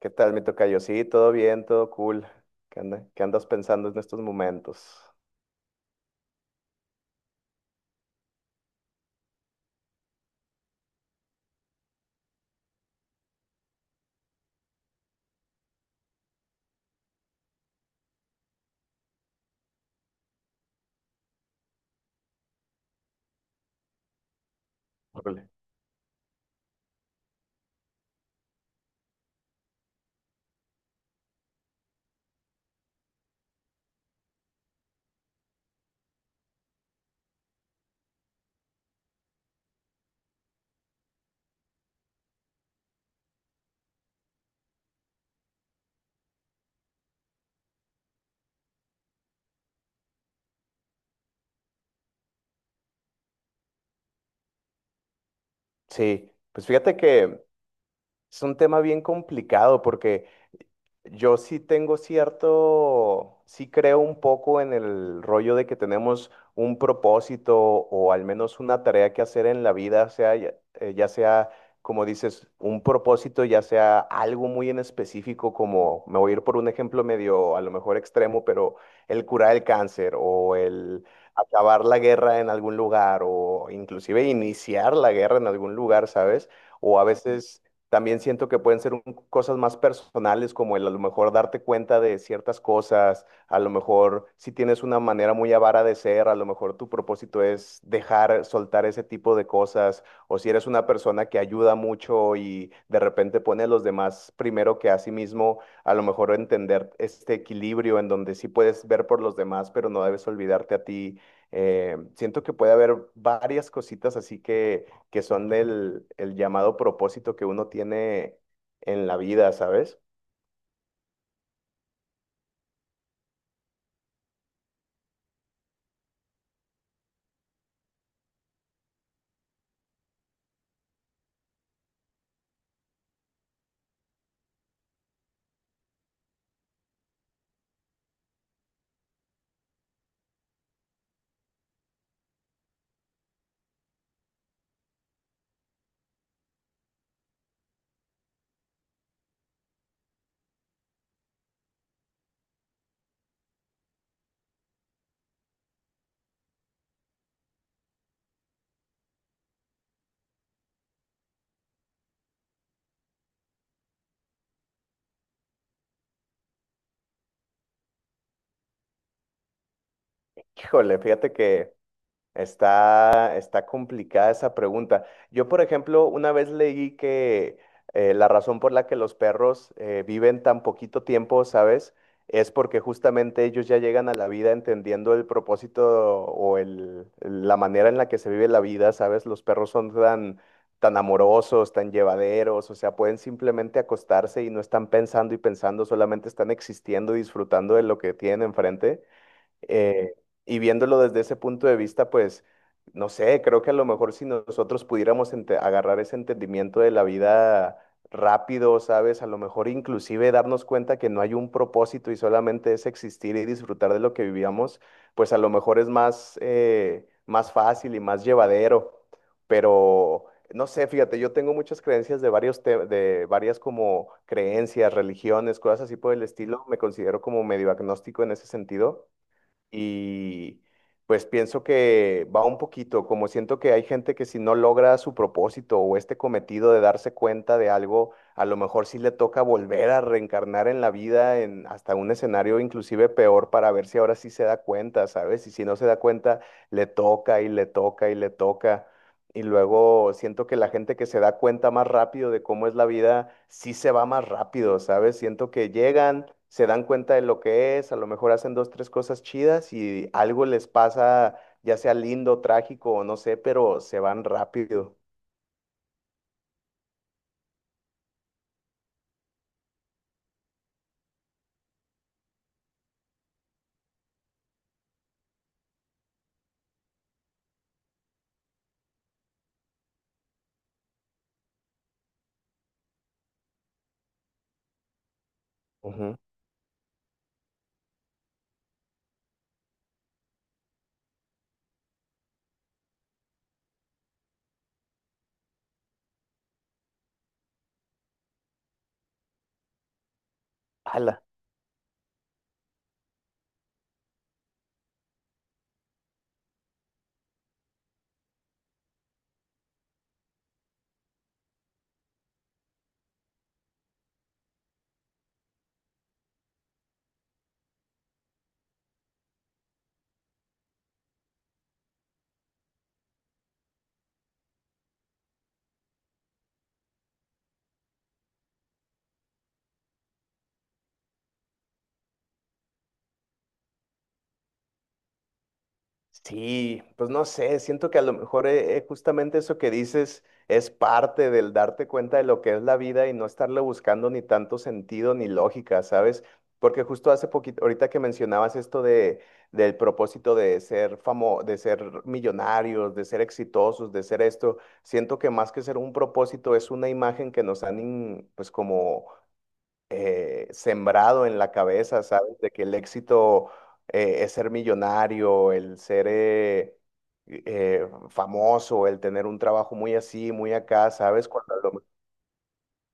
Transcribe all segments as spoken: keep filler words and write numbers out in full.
¿Qué tal, mi tocayo? Sí, todo bien, todo cool. ¿Qué anda- ¿qué andas pensando en estos momentos? Órale. Sí, pues fíjate que es un tema bien complicado porque yo sí tengo cierto, sí creo un poco en el rollo de que tenemos un propósito o al menos una tarea que hacer en la vida, sea ya, eh, ya sea, como dices, un propósito, ya sea algo muy en específico, como me voy a ir por un ejemplo medio, a lo mejor extremo, pero el curar el cáncer o el acabar la guerra en algún lugar o inclusive iniciar la guerra en algún lugar, ¿sabes? O a veces también siento que pueden ser cosas más personales, como el a lo mejor darte cuenta de ciertas cosas, a lo mejor si tienes una manera muy avara de ser, a lo mejor tu propósito es dejar soltar ese tipo de cosas, o si eres una persona que ayuda mucho y de repente pone a los demás primero que a sí mismo, a lo mejor entender este equilibrio en donde sí puedes ver por los demás, pero no debes olvidarte a ti. Eh, siento que puede haber varias cositas así que, que son del el llamado propósito que uno tiene en la vida, ¿sabes? Híjole, fíjate que está, está complicada esa pregunta. Yo, por ejemplo, una vez leí que eh, la razón por la que los perros eh, viven tan poquito tiempo, ¿sabes? Es porque justamente ellos ya llegan a la vida entendiendo el propósito o el, la manera en la que se vive la vida, ¿sabes? Los perros son tan, tan amorosos, tan llevaderos, o sea, pueden simplemente acostarse y no están pensando y pensando, solamente están existiendo y disfrutando de lo que tienen enfrente. Eh, y viéndolo desde ese punto de vista, pues, no sé, creo que a lo mejor si nosotros pudiéramos ente- agarrar ese entendimiento de la vida rápido, ¿sabes? A lo mejor inclusive darnos cuenta que no hay un propósito y solamente es existir y disfrutar de lo que vivíamos, pues a lo mejor es más, eh, más fácil y más llevadero. Pero, no sé, fíjate, yo tengo muchas creencias de varios te- de varias como creencias, religiones, cosas así por el estilo. Me considero como medio agnóstico en ese sentido. Y pues pienso que va un poquito, como siento que hay gente que si no logra su propósito o este cometido de darse cuenta de algo, a lo mejor sí le toca volver a reencarnar en la vida, en hasta un escenario inclusive peor para ver si ahora sí se da cuenta, ¿sabes? Y si no se da cuenta, le toca y le toca y le toca. Y luego siento que la gente que se da cuenta más rápido de cómo es la vida, sí se va más rápido, ¿sabes? Siento que llegan, se dan cuenta de lo que es, a lo mejor hacen dos, tres cosas chidas y algo les pasa, ya sea lindo, trágico o no sé, pero se van rápido. Ujú. Sí, pues no sé, siento que a lo mejor eh, eh, justamente eso que dices es parte del darte cuenta de lo que es la vida y no estarle buscando ni tanto sentido ni lógica, ¿sabes? Porque justo hace poquito, ahorita que mencionabas esto de, del propósito de ser famo, de ser millonarios, de ser exitosos, de ser esto, siento que más que ser un propósito es una imagen que nos han, in- pues como eh, sembrado en la cabeza, ¿sabes? De que el éxito eh, es ser millonario, el ser eh, eh, famoso, el tener un trabajo muy así, muy acá, ¿sabes? Cuando a lo-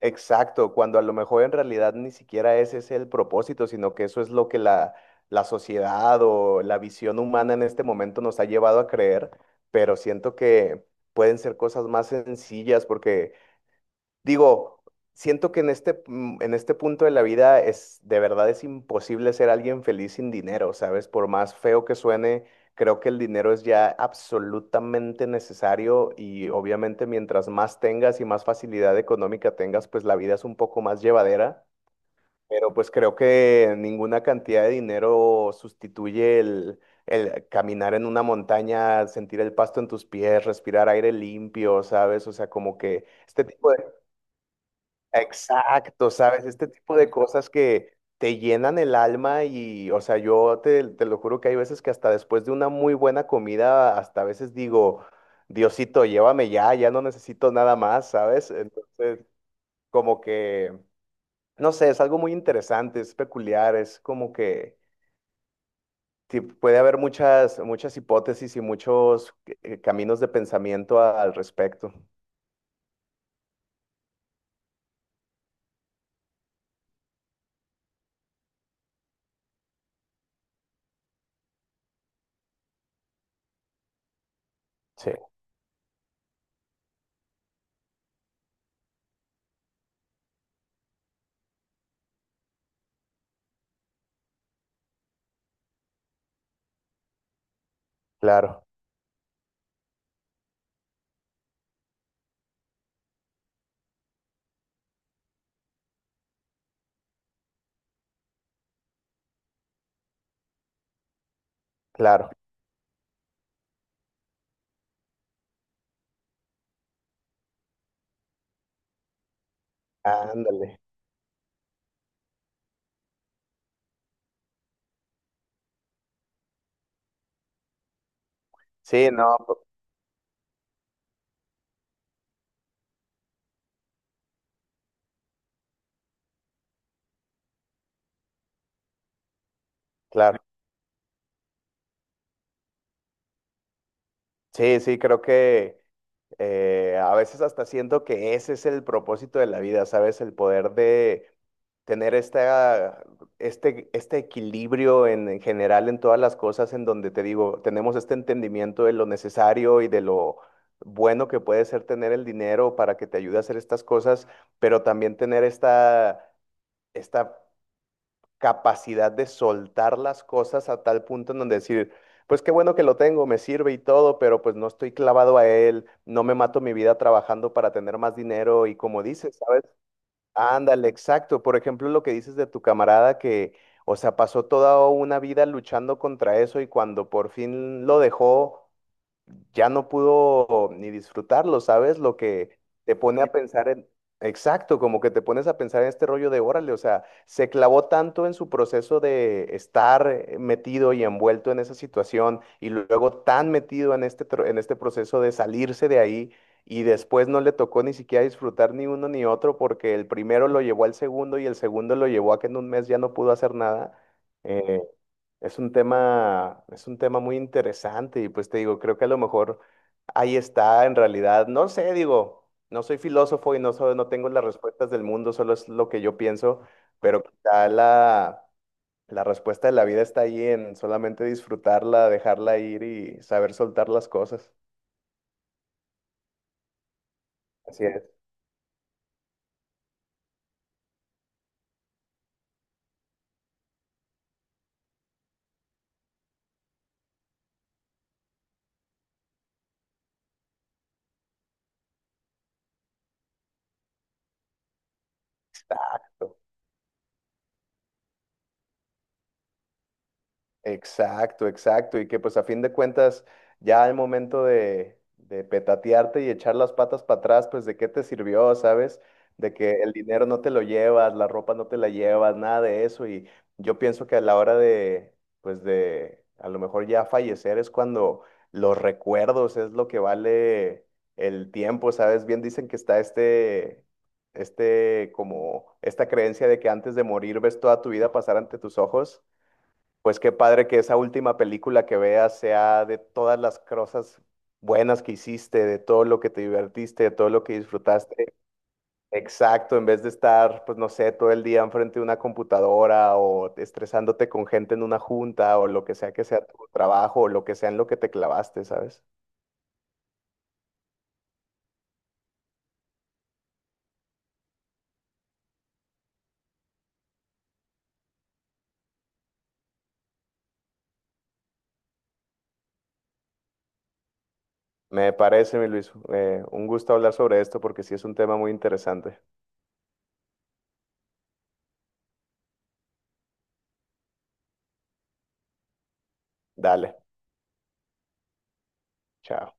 exacto, cuando a lo mejor en realidad ni siquiera ese es el propósito, sino que eso es lo que la, la sociedad o la visión humana en este momento nos ha llevado a creer, pero siento que pueden ser cosas más sencillas porque digo, siento que en este, mm, en este punto de la vida es, de verdad es imposible ser alguien feliz sin dinero, ¿sabes? Por más feo que suene, creo que el dinero es ya absolutamente necesario y obviamente mientras más tengas y más facilidad económica tengas, pues la vida es un poco más llevadera, pero pues creo que ninguna cantidad de dinero sustituye el... El caminar en una montaña, sentir el pasto en tus pies, respirar aire limpio, ¿sabes? O sea, como que este tipo de exacto, ¿sabes? Este tipo de cosas que te llenan el alma y, o sea, yo te, te lo juro que hay veces que hasta después de una muy buena comida, hasta a veces digo, Diosito, llévame ya, ya no necesito nada más, ¿sabes? Entonces, como que, no sé, es algo muy interesante, es peculiar, es como que sí, puede haber muchas, muchas hipótesis y muchos eh, caminos de pensamiento a- al respecto. Sí, claro, claro. Ándale. Sí, no, p- claro. Sí, sí, creo que eh, a veces hasta siento que ese es el propósito de la vida, ¿sabes? El poder de tener esta, este, este equilibrio en, en general en todas las cosas en donde te digo, tenemos este entendimiento de lo necesario y de lo bueno que puede ser tener el dinero para que te ayude a hacer estas cosas, pero también tener esta, esta capacidad de soltar las cosas a tal punto en donde decir, pues qué bueno que lo tengo, me sirve y todo, pero pues no estoy clavado a él, no me mato mi vida trabajando para tener más dinero y como dices, ¿sabes? Ándale, exacto. Por ejemplo, lo que dices de tu camarada que, o sea, pasó toda una vida luchando contra eso y cuando por fin lo dejó ya no pudo ni disfrutarlo, ¿sabes? Lo que te pone a pensar en, exacto, como que te pones a pensar en este rollo de órale, o sea, se clavó tanto en su proceso de estar eh, metido y envuelto en esa situación y luego tan metido en este, tro- en este proceso de salirse de ahí. Y después no le tocó ni siquiera disfrutar ni uno ni otro porque el primero lo llevó al segundo y el segundo lo llevó a que en un mes ya no pudo hacer nada. eh, es un tema, es un tema muy interesante y pues te digo, creo que a lo mejor ahí está en realidad, no sé, digo, no soy filósofo y no soy- no tengo las respuestas del mundo, solo es lo que yo pienso, pero quizá la, la respuesta de la vida está ahí en solamente disfrutarla, dejarla ir y saber soltar las cosas. Así es. Exacto, exacto. Y que pues a fin de cuentas, ya al momento de, de petatearte y echar las patas para atrás, pues de qué te sirvió, ¿sabes? De que el dinero no te lo llevas, la ropa no te la llevas, nada de eso. Y yo pienso que a la hora de, pues de, a lo mejor ya fallecer es cuando los recuerdos es lo que vale el tiempo, ¿sabes? Bien dicen que está este, este, como esta creencia de que antes de morir ves toda tu vida pasar ante tus ojos. Pues qué padre que esa última película que veas sea de todas las cosas buenas que hiciste, de todo lo que te divertiste, de todo lo que disfrutaste. Exacto, en vez de estar, pues no sé, todo el día enfrente de una computadora o estresándote con gente en una junta o lo que sea que sea tu trabajo o lo que sea en lo que te clavaste, ¿sabes? Me parece, mi Luis, eh, un gusto hablar sobre esto porque sí es un tema muy interesante. Dale, chao.